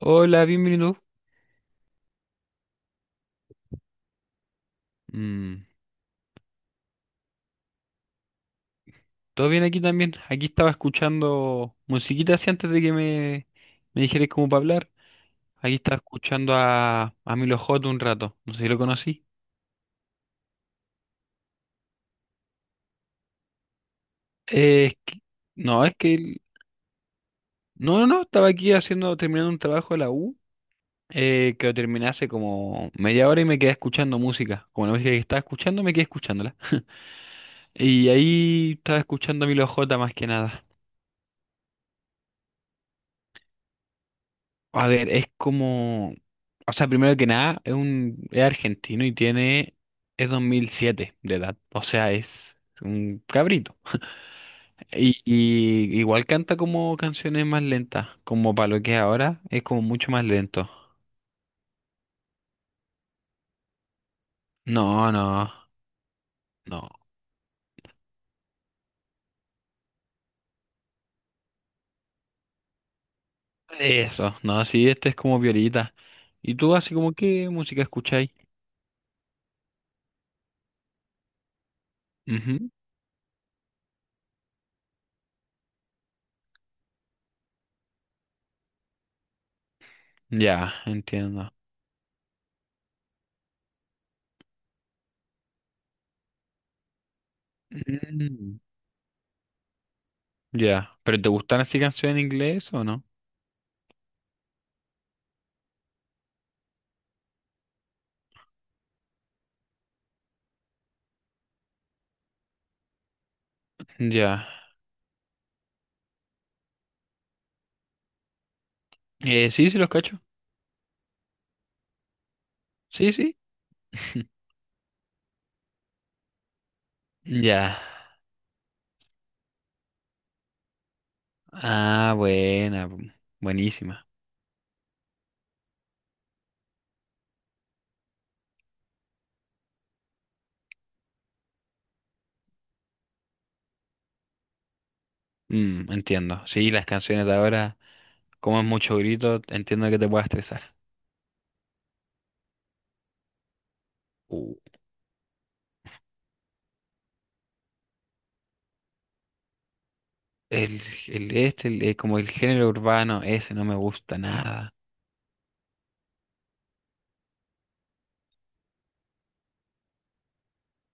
Hola, bienvenido. Mm, ¿todo bien aquí también? Aquí estaba escuchando musiquita así antes de que me dijeras cómo para hablar. Aquí estaba escuchando a Milo J un rato. No sé si lo conocí. Eh, es que- no, es que... No, no, no. Estaba aquí haciendo, terminando un trabajo de la U. Que lo terminé hace como media hora y me quedé escuchando música. Como la música que estaba escuchando, me quedé escuchándola. Y ahí estaba escuchando a Milo J más que nada. A ver, es como, o sea, primero que nada, es es argentino y es 2007 de edad, o sea, es un cabrito. Y igual canta como canciones más lentas, como para lo que es ahora, es como mucho más lento. No, no, no, eso, no, sí, este es como violita. ¿Y tú así como qué música escucháis? Ujú. Ya, entiendo. Mm, ya, ¿pero te gustan así canciones en inglés o no? Ya, sí los cacho. Sí, sí. Ya. Ah, buena. Buenísima. Mm, entiendo. Sí, las canciones de ahora, como es mucho grito, entiendo que te pueda estresar. Uh, el, como el género urbano, ese no me gusta nada.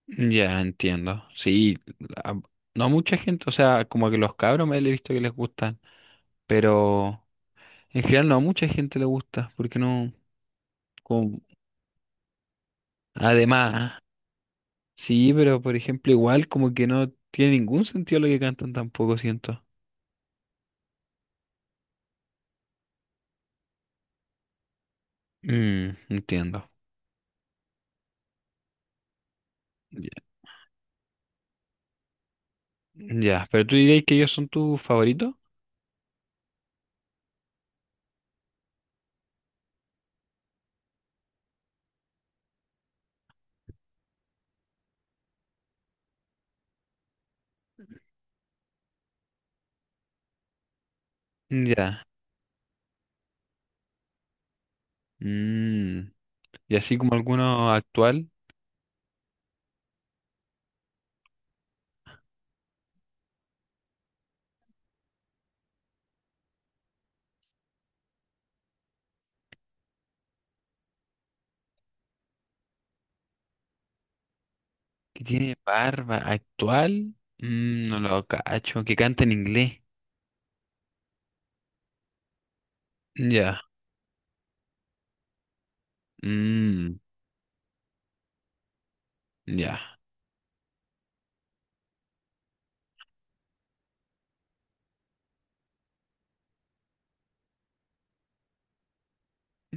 Ya, entiendo. Sí, a- no a mucha gente, o sea, como que los cabros me he visto que les gustan, pero en general no a mucha gente le gusta, porque no, como, además, sí, pero por ejemplo, igual como que no tiene ningún sentido lo que cantan tampoco, siento. Mm, entiendo. Ya. Ya, pero tú dirías que ellos son tus favoritos. Ya. Mm, y así como alguno actual que tiene barba actual, mm, no lo cacho, que canta en inglés. Ya. Mm, ya.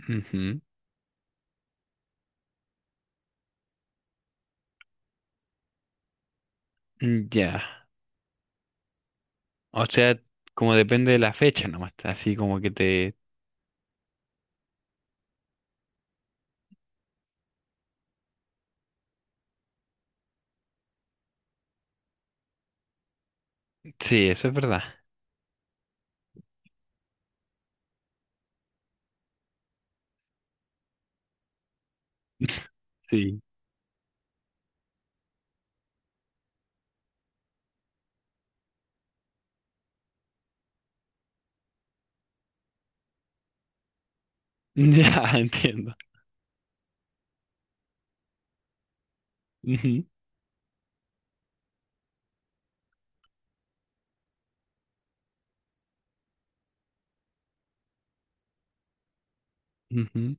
Ujú. Ya. O sea, como depende de la fecha nomás, así como que te... Sí, eso es verdad. Sí. Ya, entiendo. Ujú, ujú,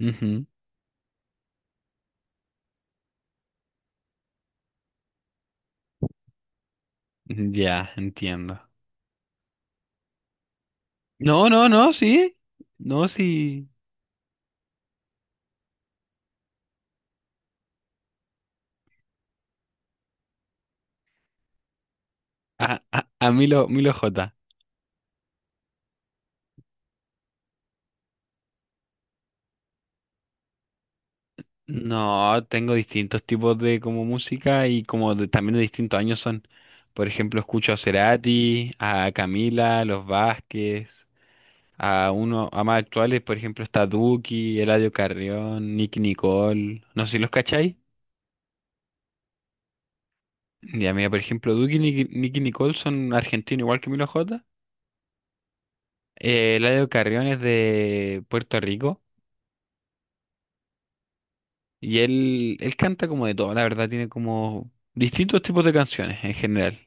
ujú. Ya, entiendo. No, no, no, sí. No, sí. A Milo, Milo J. No, tengo distintos tipos de como música y como también de distintos años son. Por ejemplo, escucho a Cerati, a Camila, los Vázquez, a más actuales, por ejemplo, está Duki, Eladio Carrión, Nicky Nicole. No sé si los cacháis. Ya, mira, por ejemplo, Duki y Nicky, Nicole son argentinos igual que Milo J. Eladio Carrión es de Puerto Rico y él canta como de todo, la verdad, tiene como distintos tipos de canciones en general.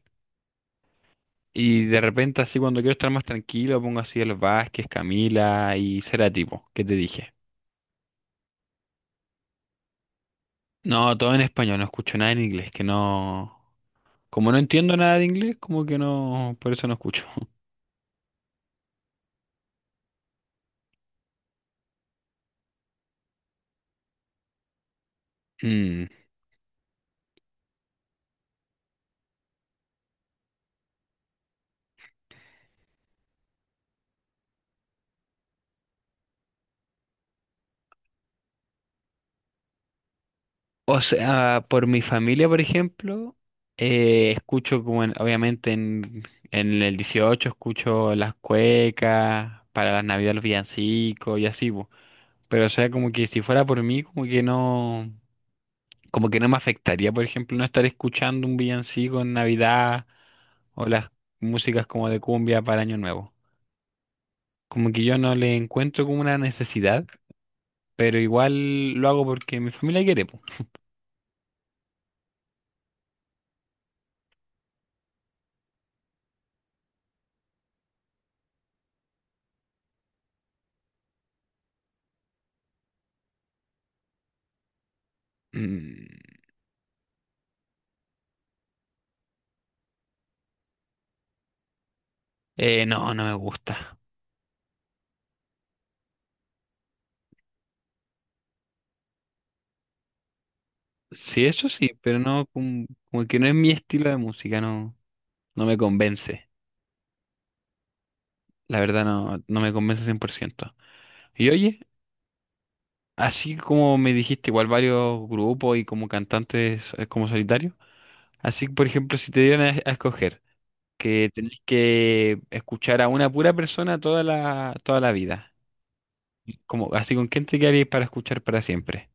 Y de repente así cuando quiero estar más tranquilo pongo así a los Vázquez, Camila y Cerati, po, que te dije. No, todo en español, no escucho nada en inglés, que no... Como no entiendo nada de inglés, como que no, por eso no escucho. Mm, o sea, por mi familia, por ejemplo, escucho como obviamente en el 18 escucho las cuecas, para las navidades los villancicos y así, po. Pero o sea, como que si fuera por mí, como que no me afectaría, por ejemplo, no estar escuchando un villancico en Navidad o las músicas como de cumbia para Año Nuevo. Como que yo no le encuentro como una necesidad, pero igual lo hago porque mi familia quiere, po. Mm, no, no me gusta. Sí, eso sí, pero no, como, como que no es mi estilo de música, no, no me convence. La verdad no, no me convence 100%. Y oye, así como me dijiste, igual varios grupos y como cantantes, como solitario, así por ejemplo, si te dieran a escoger que tenés que escuchar a una pura persona toda la vida, como, así con quién te quedarías para escuchar para siempre.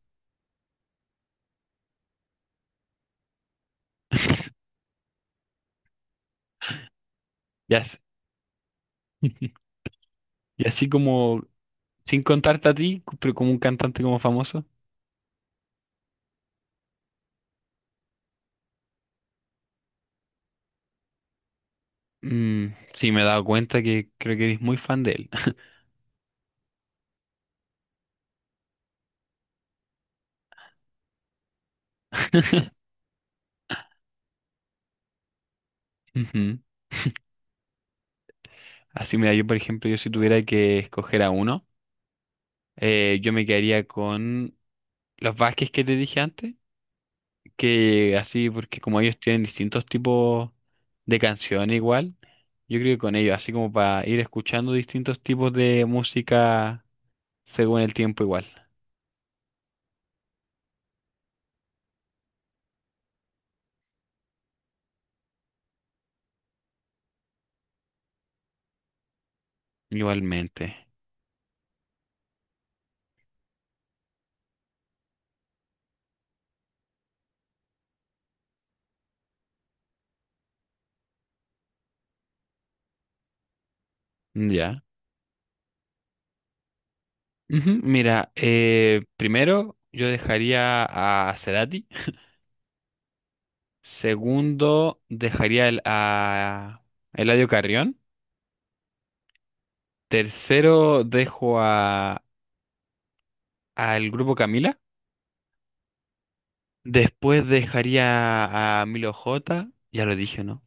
Ya sé. Y así como, sin contarte a ti, pero como un cantante como famoso. Mm, sí, me he dado cuenta que creo que eres muy fan de él. Ujú. Así, mira, yo por ejemplo, yo si tuviera que escoger a uno, yo me quedaría con los Vázquez que te dije antes, que así, porque como ellos tienen distintos tipos de canciones igual, yo creo que con ellos, así como para ir escuchando distintos tipos de música según el tiempo igual. Igualmente. Ya. Ujú, mira, primero yo dejaría a Cerati. Segundo, dejaría a Eladio Carrión. Tercero, dejo a al grupo Camila. Después dejaría a Milo J. Ya lo dije, ¿no?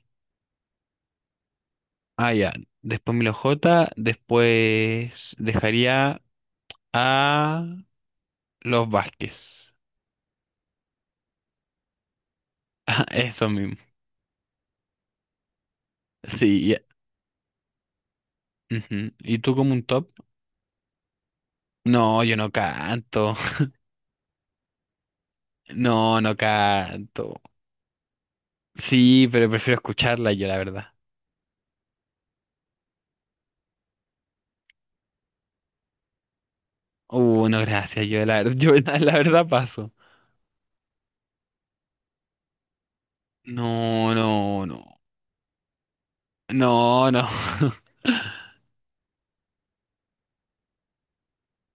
Ah, ya. Después Milo J. Después dejaría a los Vázquez. Ah, eso mismo. Sí, ya. Ujú. ¿Y tú como un top? No, yo no canto. No, no canto. Sí, pero prefiero escucharla yo, la verdad. No, gracias. Yo la verdad paso. No, no, no. No, no.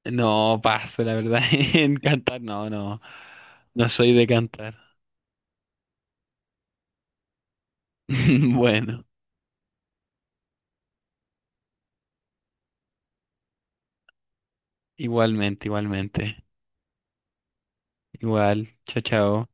No paso, la verdad. En cantar, no, no. No soy de cantar. Bueno, igualmente, igualmente. Igual. Chao, chao.